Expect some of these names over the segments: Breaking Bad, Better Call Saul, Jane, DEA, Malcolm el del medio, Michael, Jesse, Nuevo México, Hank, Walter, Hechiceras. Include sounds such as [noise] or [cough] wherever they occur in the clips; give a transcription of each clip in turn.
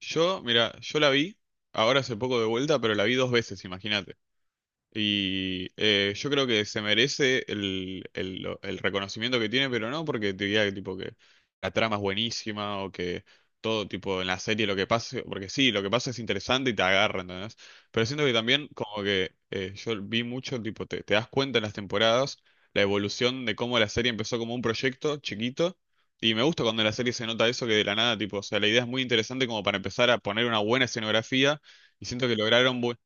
Yo, mira, yo la vi, ahora hace poco de vuelta, pero la vi dos veces, imagínate. Y yo creo que se merece el reconocimiento que tiene, pero no porque te diga que, tipo, que la trama es buenísima o que todo tipo en la serie lo que pase, porque sí, lo que pasa es interesante y te agarra, ¿entendés? Pero siento que también como que yo vi mucho, tipo, te das cuenta en las temporadas la evolución de cómo la serie empezó como un proyecto chiquito. Y me gusta cuando en la serie se nota eso que de la nada, tipo, o sea, la idea es muy interesante como para empezar a poner una buena escenografía y siento que lograron... bu-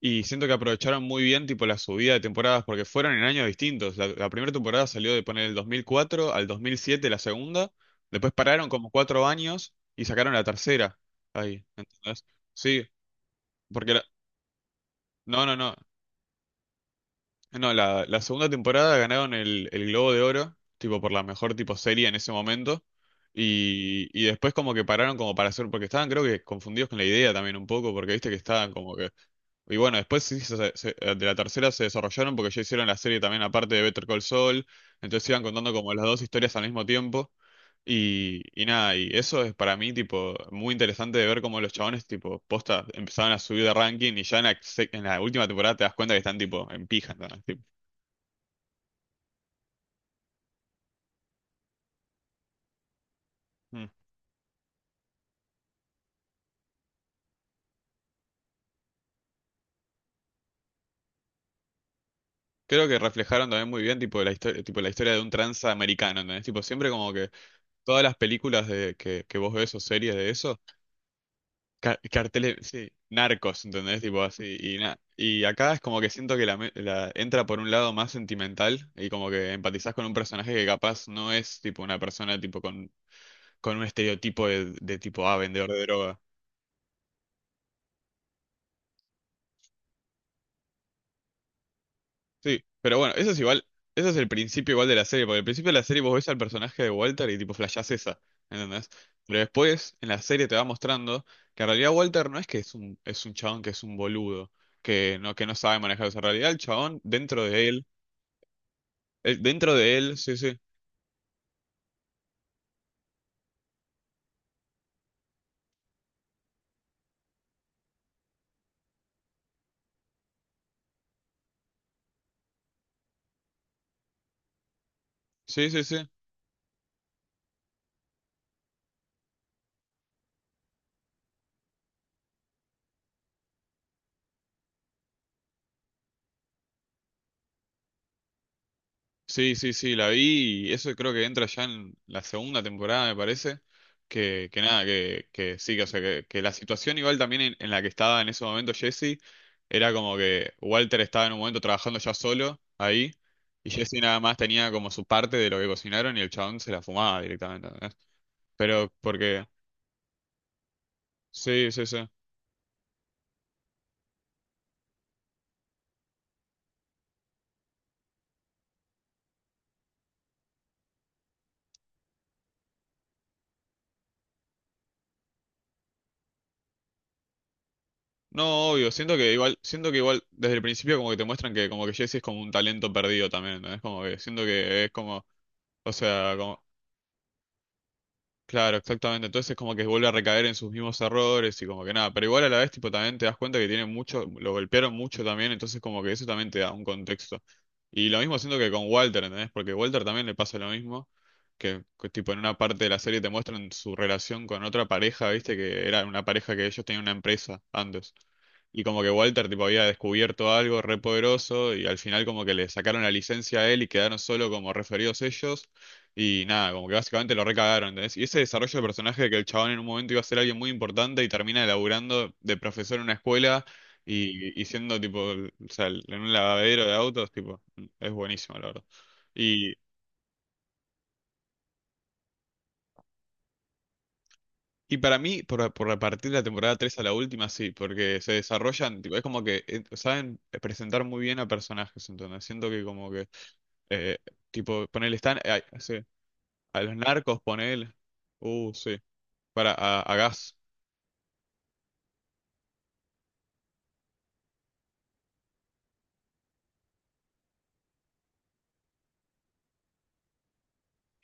y siento que aprovecharon muy bien tipo la subida de temporadas porque fueron en años distintos. La primera temporada salió de poner el 2004 al 2007 la segunda, después pararon como 4 años y sacaron la tercera. Ahí, ¿entendés? Sí, porque no, no, no, no, la segunda temporada ganaron el Globo de Oro, tipo por la mejor tipo serie en ese momento. Y después como que pararon como para hacer, porque estaban creo que confundidos con la idea también un poco, porque viste que estaban como que. Y bueno, después sí, de la tercera se desarrollaron porque ya hicieron la serie también aparte de Better Call Saul, entonces iban contando como las dos historias al mismo tiempo. Y nada, y eso es para mí tipo muy interesante de ver cómo los chabones tipo posta empezaban a subir de ranking y ya en en la última temporada te das cuenta que están tipo en pija, ¿no? Mm. Creo que reflejaron también muy bien tipo la historia de un tranza americano, ¿entendés? Tipo, siempre como que todas las películas de que vos ves o series de eso, carteles, sí, narcos, ¿entendés? Tipo así, y y acá es como que siento que entra por un lado más sentimental y como que empatizás con un personaje que capaz no es tipo una persona tipo con un estereotipo de tipo A, vendedor de droga. Sí, pero bueno, eso es igual, eso es el principio igual de la serie, porque al principio de la serie vos ves al personaje de Walter y tipo flashás esa, ¿entendés? Pero después en la serie te va mostrando que en realidad Walter no es que es un chabón que es un boludo, que no sabe manejar esa realidad el chabón dentro de él, sí, sí, sí, sí, sí. Sí, sí, sí, la vi y eso creo que entra ya en la segunda temporada, me parece. Que nada, que sí, que, o sea, que la situación igual también en la que estaba en ese momento Jesse era como que Walter estaba en un momento trabajando ya solo ahí y Jesse nada más tenía como su parte de lo que cocinaron y el chabón se la fumaba directamente. ¿Entendés? Pero porque, sí, sí, sí. No, obvio, siento que igual desde el principio como que te muestran que como que Jesse es como un talento perdido también, ¿entendés? Como que siento que es como. O sea, como, claro, exactamente. Entonces como que vuelve a recaer en sus mismos errores y como que nada. Pero igual a la vez, tipo, también te das cuenta que tiene mucho, lo golpearon mucho también, entonces como que eso también te da un contexto. Y lo mismo siento que con Walter, ¿entendés? Porque Walter también le pasa lo mismo, tipo en una parte de la serie te muestran su relación con otra pareja, ¿viste? Que era una pareja que ellos tenían una empresa antes. Y como que Walter tipo había descubierto algo re poderoso y al final como que le sacaron la licencia a él y quedaron solo como referidos ellos. Y nada, como que básicamente lo recagaron, ¿entendés? Y ese desarrollo de personaje de que el chabón en un momento iba a ser alguien muy importante y termina laburando de profesor en una escuela y siendo tipo, o sea, en un lavadero de autos, tipo, es buenísimo, la verdad. Y, y para mí, por repartir la temporada 3 a la última, sí, porque se desarrollan, tipo, es como que saben presentar muy bien a personajes, entonces siento que como que, eh, tipo, ponele, están, sí, a los narcos, ponele, sí, para, a Gas.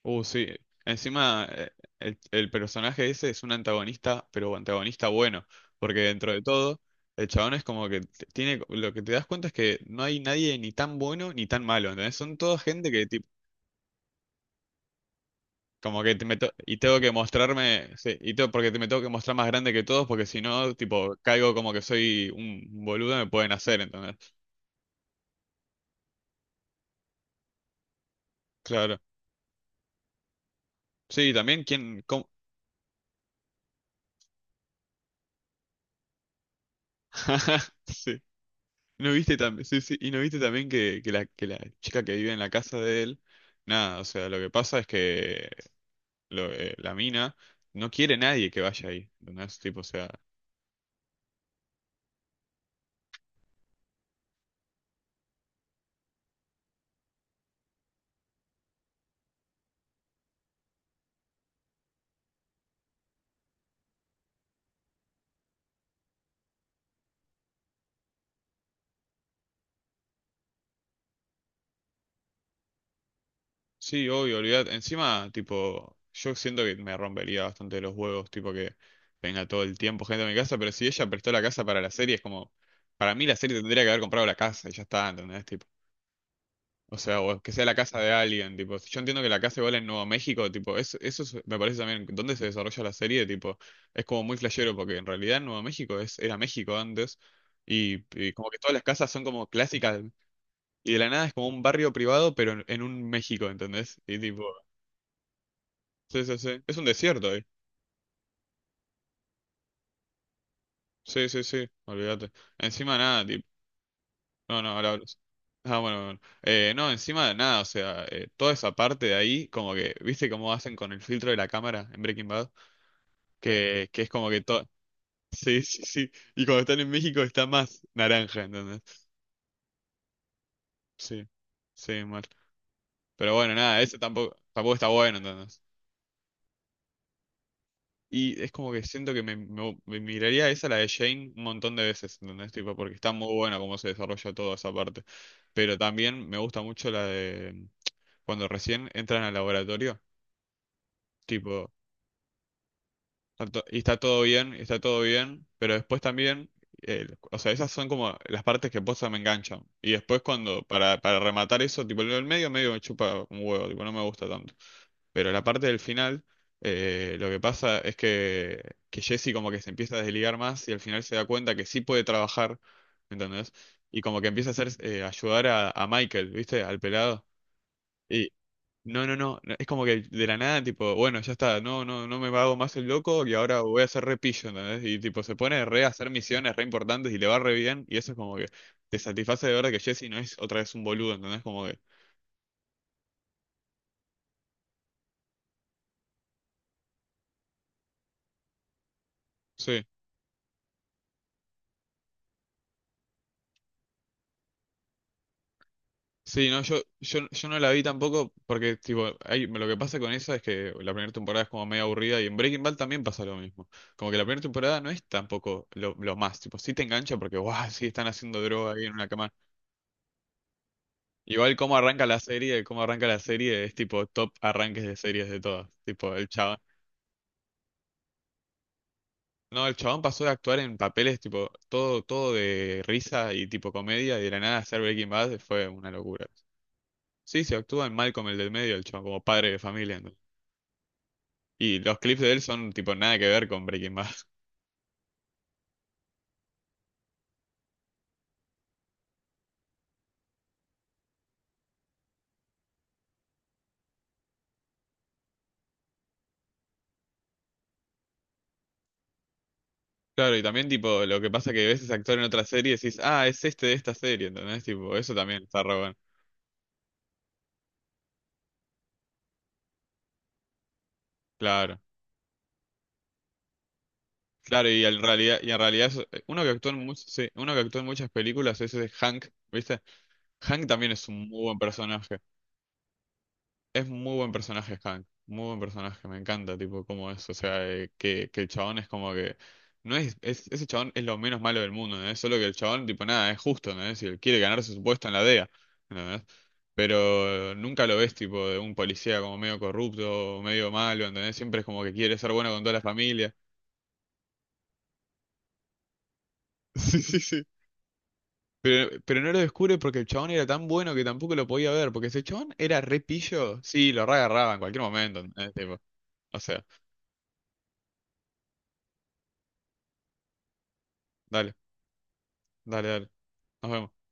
Sí. Encima, el personaje ese es un antagonista, pero antagonista bueno, porque dentro de todo, el chabón es como que tiene, lo que te das cuenta es que no hay nadie ni tan bueno ni tan malo, ¿entendés? Son toda gente que tipo, como que te meto y tengo que mostrarme, sí, y tengo, porque te me tengo que mostrar más grande que todos, porque si no, tipo, caigo como que soy un boludo, me pueden hacer, ¿entendés? Claro. Sí, también quién, [laughs] sí. ¿No viste también? Sí, sí. Y no viste también que la chica que vive en la casa de él, nada, o sea, lo que pasa es que la mina no quiere nadie que vaya ahí. No es tipo, o sea, sí, obvio, olvidate. Encima, tipo, yo siento que me rompería bastante los huevos, tipo que venga todo el tiempo gente a mi casa, pero si ella prestó la casa para la serie, es como, para mí la serie tendría que haber comprado la casa y ya está, ¿entendés? O sea, o que sea la casa de alguien, tipo. Yo entiendo que la casa igual en Nuevo México, tipo, me parece también dónde se desarrolla la serie, tipo, es como muy flashero, porque en realidad en Nuevo México es, era México antes, y como que todas las casas son como clásicas, y de la nada es como un barrio privado, pero en un México, ¿entendés? Y tipo, sí, sí, sí. Es un desierto ahí. Sí, sí, sí, olvídate. Encima nada, tipo. No, no, ahora hablas. Ah, bueno, bueno. No, encima de nada, o sea, toda esa parte de ahí, como que, ¿viste cómo hacen con el filtro de la cámara en Breaking Bad? Que es como que todo. Sí, sí, sí. Y cuando están en México está más naranja, ¿entendés? Sí, sí, mal. Pero bueno, nada, ese tampoco, tampoco está bueno, ¿entendés? Y es como que siento que me miraría esa, la de Jane, un montón de veces, ¿entendés? Tipo, porque está muy buena cómo se desarrolla toda esa parte. Pero también me gusta mucho la de cuando recién entran al laboratorio. Tipo, Está to- Y está todo bien, y está todo bien, pero después también, eh, o sea, esas son como las partes que posta me enganchan. Y después cuando, para rematar eso, tipo, lo del medio, medio me chupa un huevo, tipo, no me gusta tanto. Pero la parte del final, lo que pasa es que Jesse como que se empieza a desligar más y al final se da cuenta que sí puede trabajar, ¿entendés? Y como que empieza a hacer, ayudar a Michael, ¿viste? Al pelado. No, no, no, no, es como que de la nada, tipo, bueno, ya está, no, no, no me hago más el loco y ahora voy a hacer repillo, ¿entendés? Y tipo, se pone re a hacer misiones re importantes y le va re bien y eso es como que te satisface de ver que Jesse no es otra vez un boludo, ¿entendés? Como que, sí, sí, no, yo no la vi tampoco porque, tipo, hay, lo que pasa con esa es que la primera temporada es como medio aburrida y en Breaking Bad también pasa lo mismo. Como que la primera temporada no es tampoco lo más, tipo, sí te engancha porque, guau, sí están haciendo droga ahí en una cama. Igual cómo arranca la serie, cómo arranca la serie es tipo top arranques de series de todas. Tipo, el chabón. No, el chabón pasó de actuar en papeles tipo todo, todo de risa y tipo comedia y de la nada hacer Breaking Bad fue una locura. Sí, se actúa en Malcolm el del medio, el chabón, como padre de familia. ¿No? Y los clips de él son tipo nada que ver con Breaking Bad. [laughs] Claro, y también tipo lo que pasa que ves ese actor en otra serie y decís, ah, es este de esta serie, ¿entendés? Tipo, eso también está re bueno. Claro. Claro, y en realidad es- uno que actuó en much- sí, uno que actuó en muchas películas es ese Hank, ¿viste? Hank también es un muy buen personaje. Es muy buen personaje Hank, muy buen personaje, me encanta, tipo, cómo es, o sea, que el chabón es como que no es, ese chabón es lo menos malo del mundo, ¿no? es? Solo que el chabón, tipo, nada, es justo, ¿no? es? Si él quiere ganarse su puesto en la DEA, ¿entendés? Pero nunca lo ves, tipo, de un policía como medio corrupto, medio malo, ¿entendés? Siempre es como que quiere ser bueno con toda la familia. [laughs] Sí, sí, sí. Pero no lo descubre porque el chabón era tan bueno que tampoco lo podía ver, porque si el chabón era re pillo, sí, lo re agarraba en cualquier momento, ¿entendés? Tipo, o sea, dale, dale, dale, nos vemos.